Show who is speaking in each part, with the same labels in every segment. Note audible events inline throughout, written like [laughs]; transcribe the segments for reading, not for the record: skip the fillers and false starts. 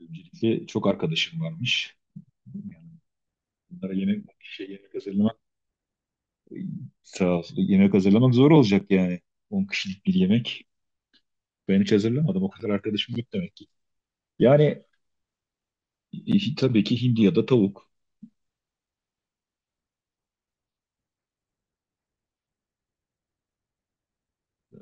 Speaker 1: Öncelikle çok arkadaşım varmış. Yani bunlara yemek hazırlamak sağ olsun. Yemek hazırlamak zor olacak yani. 10 kişilik bir yemek. Ben hiç hazırlamadım. O kadar arkadaşım yok demek ki. Yani tabii ki hindi ya da tavuk.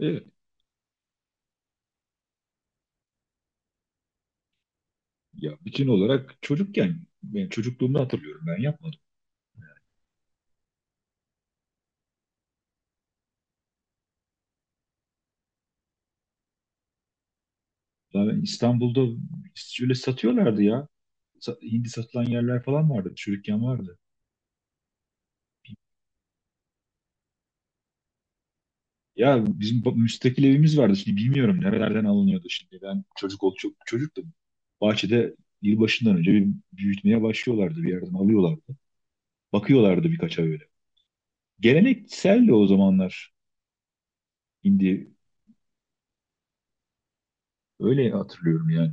Speaker 1: Evet. Ya bütün olarak çocukken ben çocukluğumda hatırlıyorum ben yapmadım. Ya ben İstanbul'da şöyle satıyorlardı ya. Hindi satılan yerler falan vardı. Çocukken vardı. Ya bizim müstakil evimiz vardı. Şimdi bilmiyorum nerelerden alınıyordu şimdi. Ben çocuk ol çok çocuktum. Bahçede yılbaşından önce bir büyütmeye başlıyorlardı. Bir yerden alıyorlardı. Bakıyorlardı birkaç ay öyle. Gelenekseldi o zamanlar hindi. Öyle hatırlıyorum yani.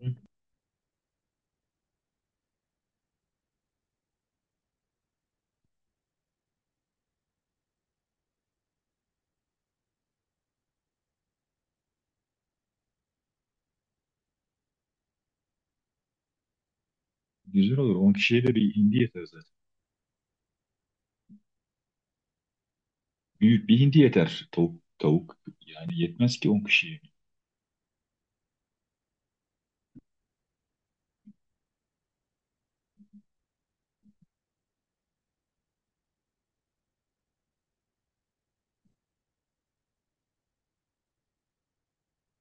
Speaker 1: Hı. Güzel olur. 10 kişiye de bir hindi yeter zaten. Büyük bir hindi yeter. Tavuk yani yetmez ki 10 kişiye.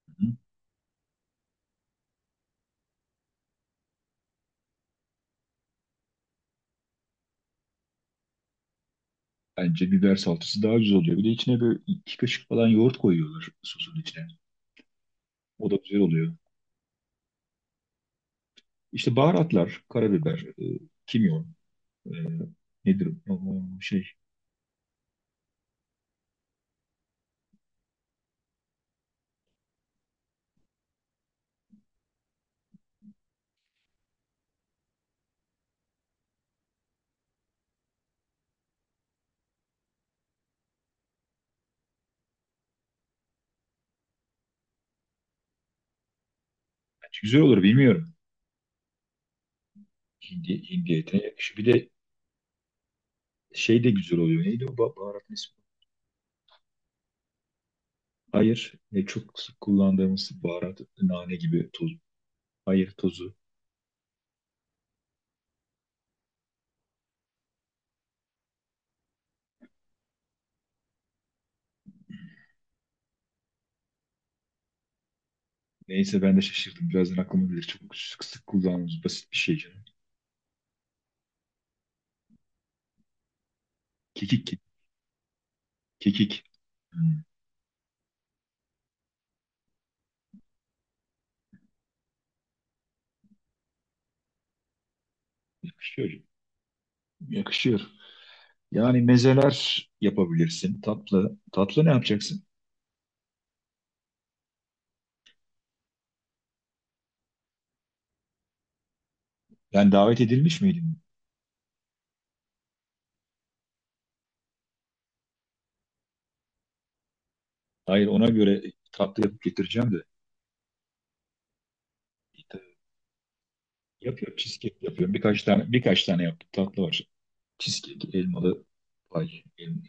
Speaker 1: Hı. Bence biber salçası daha güzel oluyor. Bir de içine böyle iki kaşık falan yoğurt koyuyorlar sosun içine. O da güzel oluyor. İşte baharatlar, karabiber, e, kimyon nedir? Şey, güzel olur bilmiyorum. Hindi, hindi etine yakışır. Bir de şey de güzel oluyor. Neydi o baharatın ismi? Hayır. Çok sık kullandığımız baharat, nane gibi toz. Hayır tozu. Neyse ben de şaşırdım. Birazdan aklıma gelir. Çok sık sık kullandığımız basit bir şey canım. Kekik. Kekik. Hmm, yakışıyor. Yakışıyor. Yani mezeler yapabilirsin. Tatlı. Tatlı ne yapacaksın? Yani davet edilmiş miydin? Hayır ona göre tatlı yapıp getireceğim de. Yapıyorum cheesecake yapıyorum. Birkaç tane yaptım. Tatlı var. Cheesecake, elmalı pay, elmalı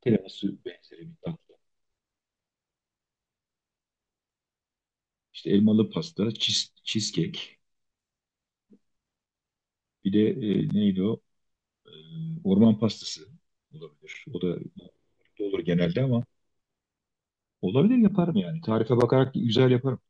Speaker 1: tiramisu benzeri bir tatlı. İşte elmalı pasta, cheesecake. Bir de neydi o? E, orman pastası olabilir. O da olur genelde ama olabilir yaparım yani. Tarife bakarak güzel yaparım.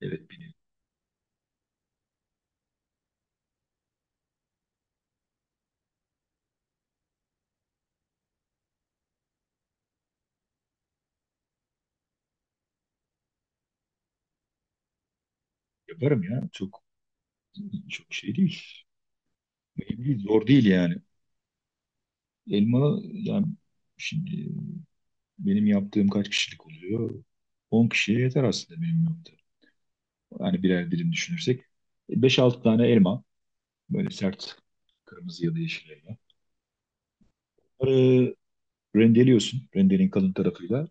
Speaker 1: Evet bir de yaparım ya. Çok çok şey değil. Mühim değil, zor değil yani. Elma yani şimdi benim yaptığım kaç kişilik oluyor? 10 kişiye yeter aslında benim yaptığım. Yani birer dilim düşünürsek. Beş altı tane elma. Böyle sert kırmızı ya da yeşil elma. Bunları rendeliyorsun. Rendenin kalın tarafıyla.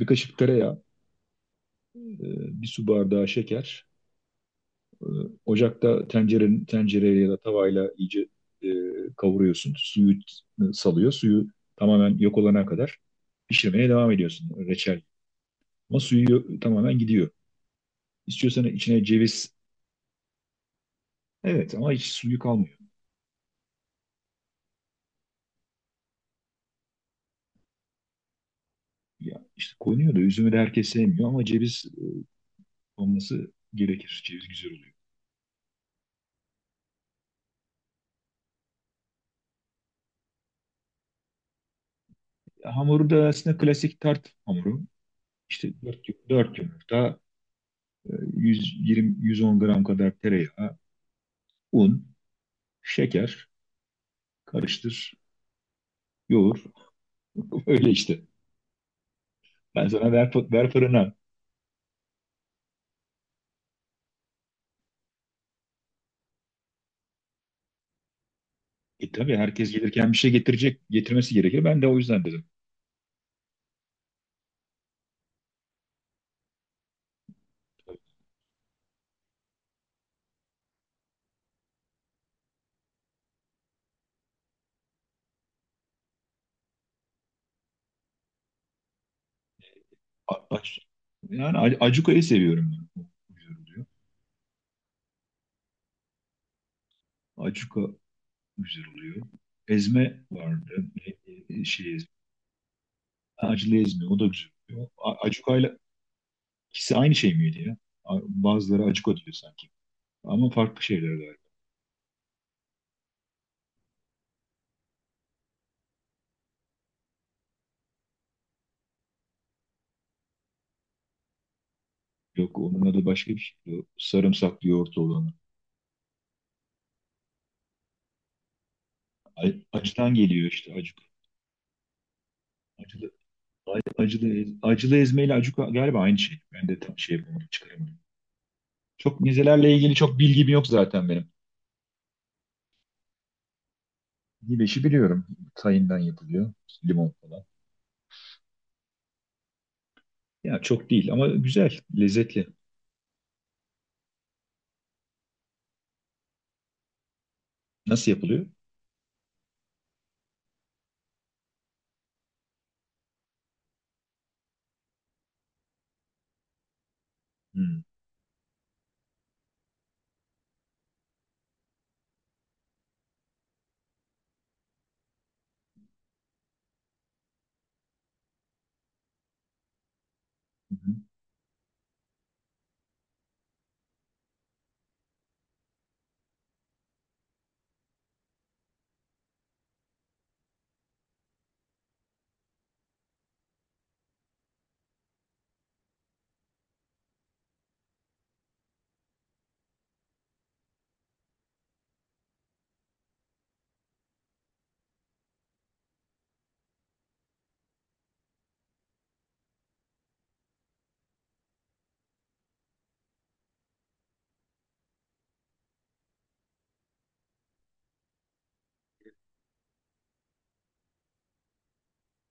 Speaker 1: Bir kaşık tereyağı, e, bir su bardağı şeker. Ocakta tencereyle ya da tavayla iyice e, kavuruyorsun. Suyu salıyor. Suyu tamamen yok olana kadar pişirmeye devam ediyorsun reçel. Ama suyu tamamen gidiyor. İstiyorsan içine ceviz. Evet ama hiç suyu kalmıyor. Ya işte konuyor da üzümü de herkes sevmiyor ama ceviz olması gerekir. Ceviz güzel oluyor. Ya hamuru da aslında klasik tart hamuru. İşte 4, 4 yumurta, e, 120, 110 gram kadar tereyağı, un, şeker, karıştır, yoğur. [laughs] Öyle işte. Ben sana ver, ver fırına. E tabii herkes gelirken bir şey getirecek, getirmesi gerekir. Ben de o yüzden dedim. A- aç- Yani acuka'yı seviyorum ben. O güzel oluyor. Acuka güzel oluyor. Ezme vardı. Ezme. Acılı ezme o da güzel oluyor. Acuka'yla ikisi aynı şey miydi ya? Bazıları acuka diyor sanki. Ama farklı şeyler galiba. Yok onun adı başka bir şey. O sarımsaklı yoğurt olanı. Acıdan geliyor işte acuk. Acılı, acılı, acılı ezme ile acuka galiba aynı şey. Ben de tam şey yapamadım, çıkaramadım. Çok mezelerle ilgili çok bilgim yok zaten benim. Hibeşi biliyorum. Tayından yapılıyor. Limon falan. Ya çok değil ama güzel, lezzetli. Nasıl yapılıyor? Hmm, hı hı.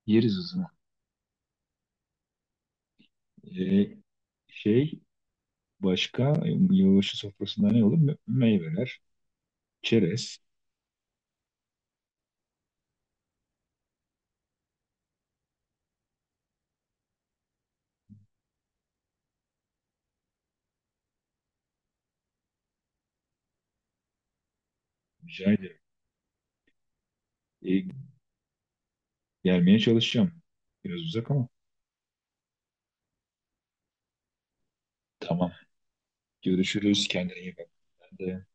Speaker 1: Yeriz hızına. Ee, şey başka yılbaşı sofrasında ne olur? Meyveler, çerez. Rica ederim. Ee, gelmeye çalışacağım. Biraz uzak ama. Tamam. Görüşürüz. Kendine iyi bak. Ben de